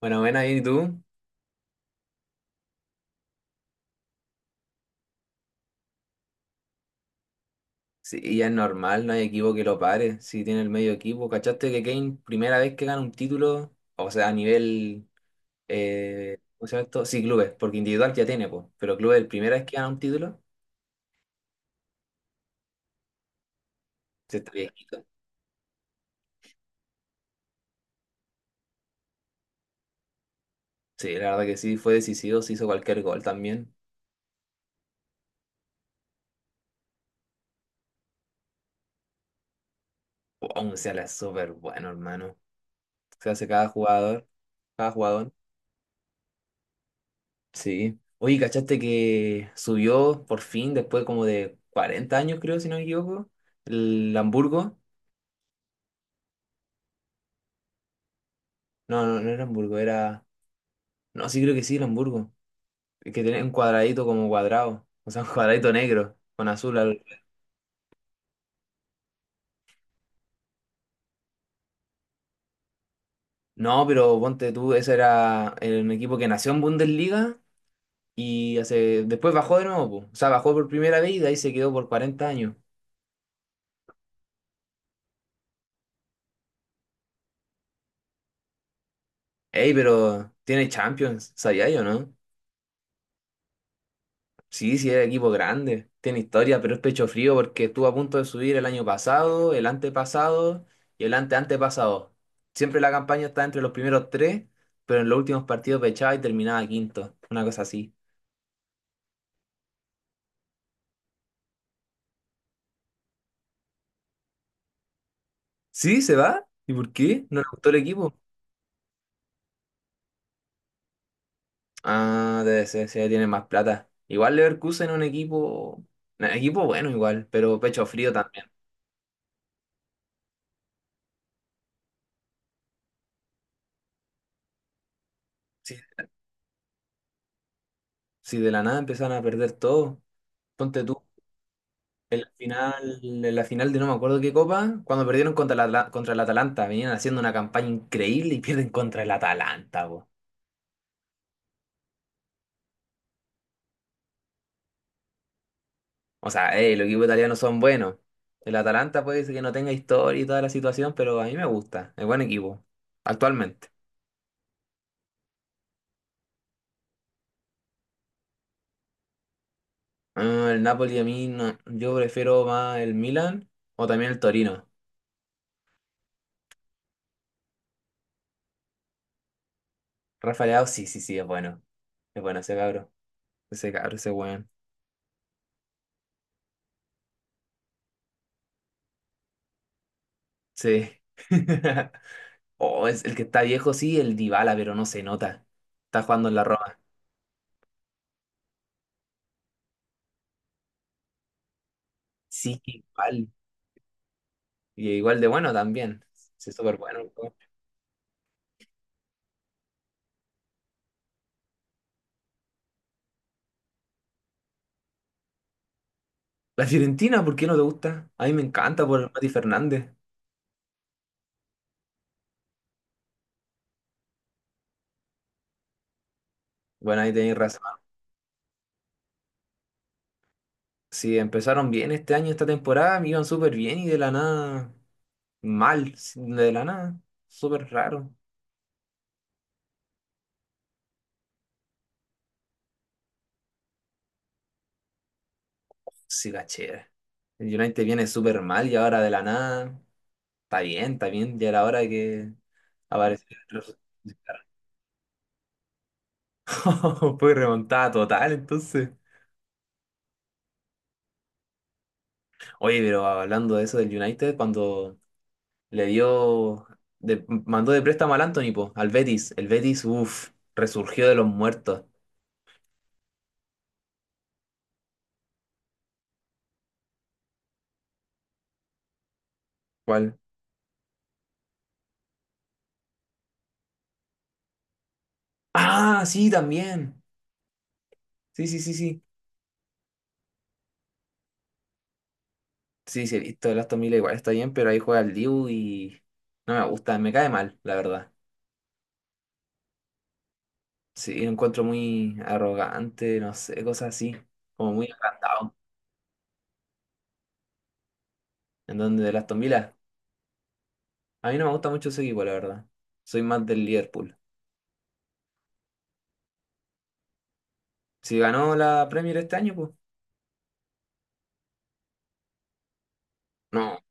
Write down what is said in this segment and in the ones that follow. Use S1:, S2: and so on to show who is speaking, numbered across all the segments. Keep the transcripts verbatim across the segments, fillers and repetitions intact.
S1: Bueno, ven ahí tú. Sí, y ya es normal, no hay equipo que lo pare. Si tiene el medio equipo. ¿Cachaste que Kane, primera vez que gana un título, o sea, a nivel, eh, ¿cómo se llama esto? Sí, clubes, porque individual ya tiene, pues. Pero clubes, la primera vez que gana un título, se está bien. Sí, la verdad que sí, fue decisivo, se hizo cualquier gol también. Aún sea, la es súper bueno, hermano. Se hace cada jugador, cada jugador. Sí. Oye, ¿cachaste que subió por fin, después como de cuarenta años, creo, si no me equivoco, el Hamburgo? No, no, no era Hamburgo, era. No, sí creo que sí era Hamburgo. Es que tenía un cuadradito como cuadrado. O sea, un cuadradito negro con azul, algo. No, pero ponte tú, ese era el equipo que nació en Bundesliga y hace... Después bajó de nuevo, po. O sea, bajó por primera vez y de ahí se quedó por cuarenta años. Ey, pero tiene Champions, ¿sabía yo, no? Sí, sí, es equipo grande, tiene historia, pero es pecho frío porque estuvo a punto de subir el año pasado, el antepasado y el anteantepasado. Siempre la campaña está entre los primeros tres, pero en los últimos partidos pechaba y terminaba quinto, una cosa así. ¿Sí? ¿Se va? ¿Y por qué? ¿No le gustó el equipo? Ah, debe ser, sí, tiene más plata. Igual Leverkusen es un equipo, un equipo bueno igual, pero pecho frío también. Sí, sí, de la nada empezaron a perder todo. Ponte tú. En la final, en la final de no me acuerdo qué copa, cuando perdieron contra la, Atla- contra el Atalanta, venían haciendo una campaña increíble y pierden contra el Atalanta, po. O sea, eh, los equipos italianos son buenos. El Atalanta puede ser que no tenga historia y toda la situación, pero a mí me gusta. Es buen equipo, actualmente. Ah, el Napoli a mí no. Yo prefiero más el Milan o también el Torino. Rafa Leao, sí, sí, sí, es bueno. Es bueno ese cabro. Ese cabro, ese weón. Sí. Oh, es el que está viejo, sí, el Dybala, pero no se nota. Está jugando en la Roma. Sí, que igual. Y igual de bueno también. Sí, súper bueno. La Fiorentina, ¿por qué no te gusta? A mí me encanta por Mati Fernández. Bueno, ahí tenéis razón. Sí, empezaron bien este año, esta temporada, me iban súper bien y de la nada, mal, sí, de la nada. Súper raro. Sí, cachera. El United viene súper mal y ahora de la nada. Está bien, está bien. Ya era hora de que apareciera el resultado. Fue remontada total, entonces. Oye, pero hablando de eso del United, cuando le dio, de- mandó de préstamo al Anthony, po, al Betis. El Betis, uff, resurgió de los muertos. ¿Cuál? Ah, sí, también. Sí, sí, sí, sí. Sí, sí, he visto el Aston Villa igual está bien, pero ahí juega el Diu y no me gusta, me cae mal, la verdad. Sí, lo encuentro muy arrogante, no sé, cosas así, como muy agrandado. En donde el Aston Villa, a mí no me gusta mucho ese equipo, la verdad. Soy más del Liverpool. Si ganó la Premier este año, pues. No,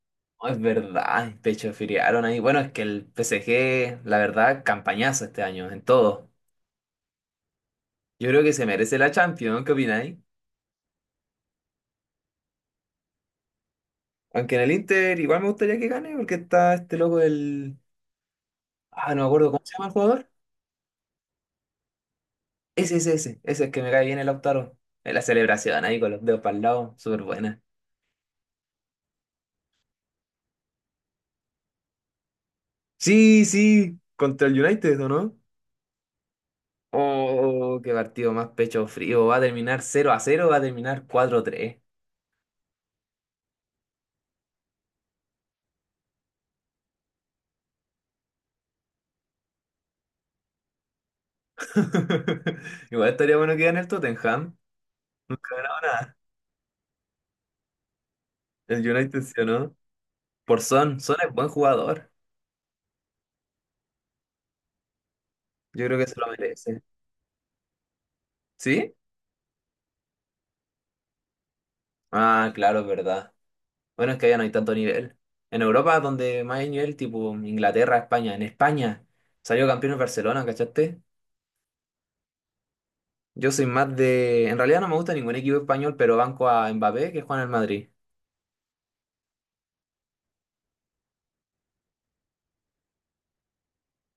S1: no, es verdad, pecho pechofiriaron ahí. Bueno, es que el P S G, la verdad, campañazo este año en todo. Yo creo que se merece la Champions, ¿no? ¿Qué opináis? Aunque en el Inter igual me gustaría que gane porque está este loco del... Ah, no me acuerdo cómo se llama el jugador. Ese, ese, ese. Ese es que me cae bien el Lautaro. En la celebración ahí con los dedos para el lado, súper buena. Sí, sí, contra el United, ¿o no? Oh, qué partido más pecho frío. Va a terminar cero a cero, va a terminar cuatro a tres. Igual estaría bueno que gane el Tottenham. Nunca ha ganado nada. El United sí o no. Por Son. Son es buen jugador. Yo creo que se lo merece. ¿Sí? Ah, claro, es verdad. Bueno, es que allá no hay tanto nivel. En Europa, donde más hay nivel, tipo Inglaterra, España. En España salió campeón el Barcelona, ¿cachaste? Yo soy más de... En realidad no me gusta ningún equipo español, pero banco a Mbappé, que juega en el Madrid.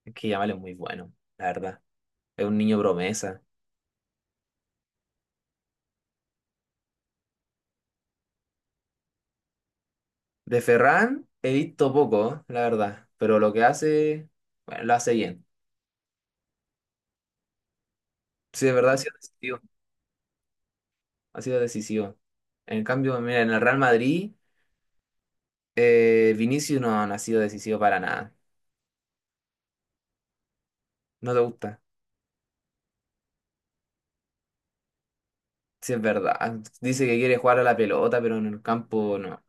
S1: Es que Yamal es muy bueno, la verdad. Es un niño promesa. De Ferran he visto poco, la verdad, pero lo que hace, bueno, lo hace bien. Sí, de verdad ha sido decisivo. Ha sido decisivo. En cambio, mira, en el Real Madrid, eh, Vinicius no, no ha sido decisivo para nada. No te gusta. Sí, es verdad. Dice que quiere jugar a la pelota, pero en el campo no,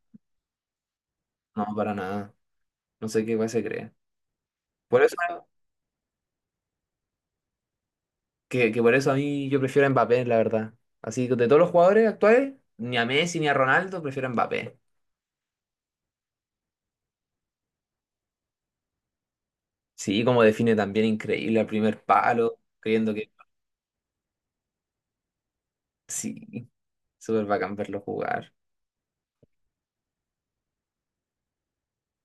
S1: no, para nada. No sé qué weá se cree. Por eso, que, que por eso a mí yo prefiero a Mbappé, la verdad. Así que de todos los jugadores actuales, ni a Messi ni a Ronaldo, prefiero a Mbappé. Sí, como define también increíble al primer palo, creyendo que sí, súper bacán verlo jugar.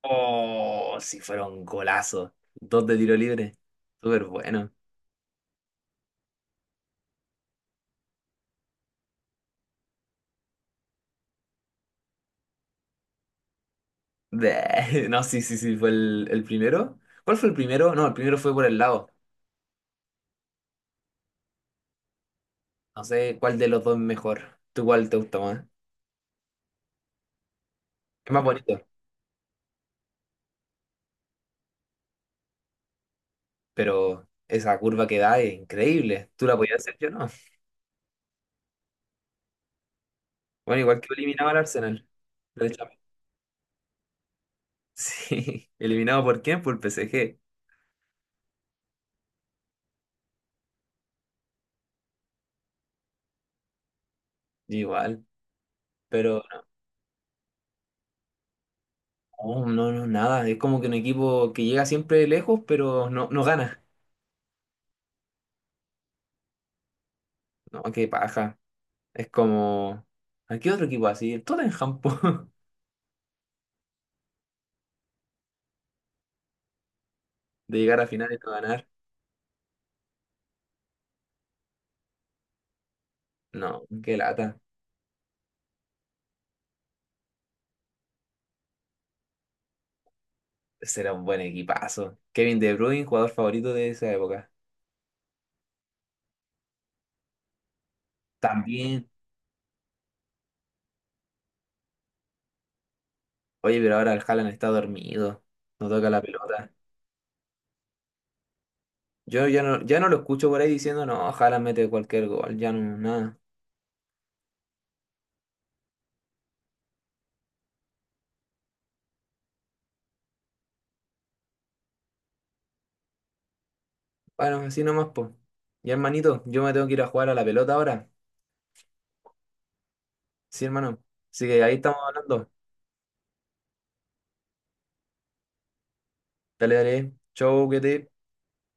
S1: Oh, si fuera un golazo. Dos de tiro libre. Súper bueno. Bleh. No, sí, sí, sí, fue el, el primero. ¿Cuál fue el primero? No, el primero fue por el lado. No sé cuál de los dos es mejor. ¿Tú cuál te gusta más? Es más bonito, pero esa curva que da es increíble. ¿Tú la podías hacer? Yo no. Bueno, igual que eliminaba al Arsenal derechamente. Sí, ¿eliminado por quién? Por el P S G. Igual. Pero oh, no, no, nada. Es como que un equipo que llega siempre lejos, pero no, no gana. No, qué paja. Es como. ¿A qué otro equipo así? El Tottenham, po. De llegar a final y no ganar. No, qué lata. Será un buen equipazo. Kevin De Bruyne, jugador favorito de esa época. También. Oye, pero ahora el Haaland está dormido. No toca la pelota. Yo ya no, ya no lo escucho por ahí diciendo, no, Haaland mete cualquier gol. Ya no, nada. Bueno, así nomás, po. Ya hermanito, yo me tengo que ir a jugar a la pelota ahora. Sí, hermano. Así que ahí estamos hablando. Dale, dale. Chau, cuídate.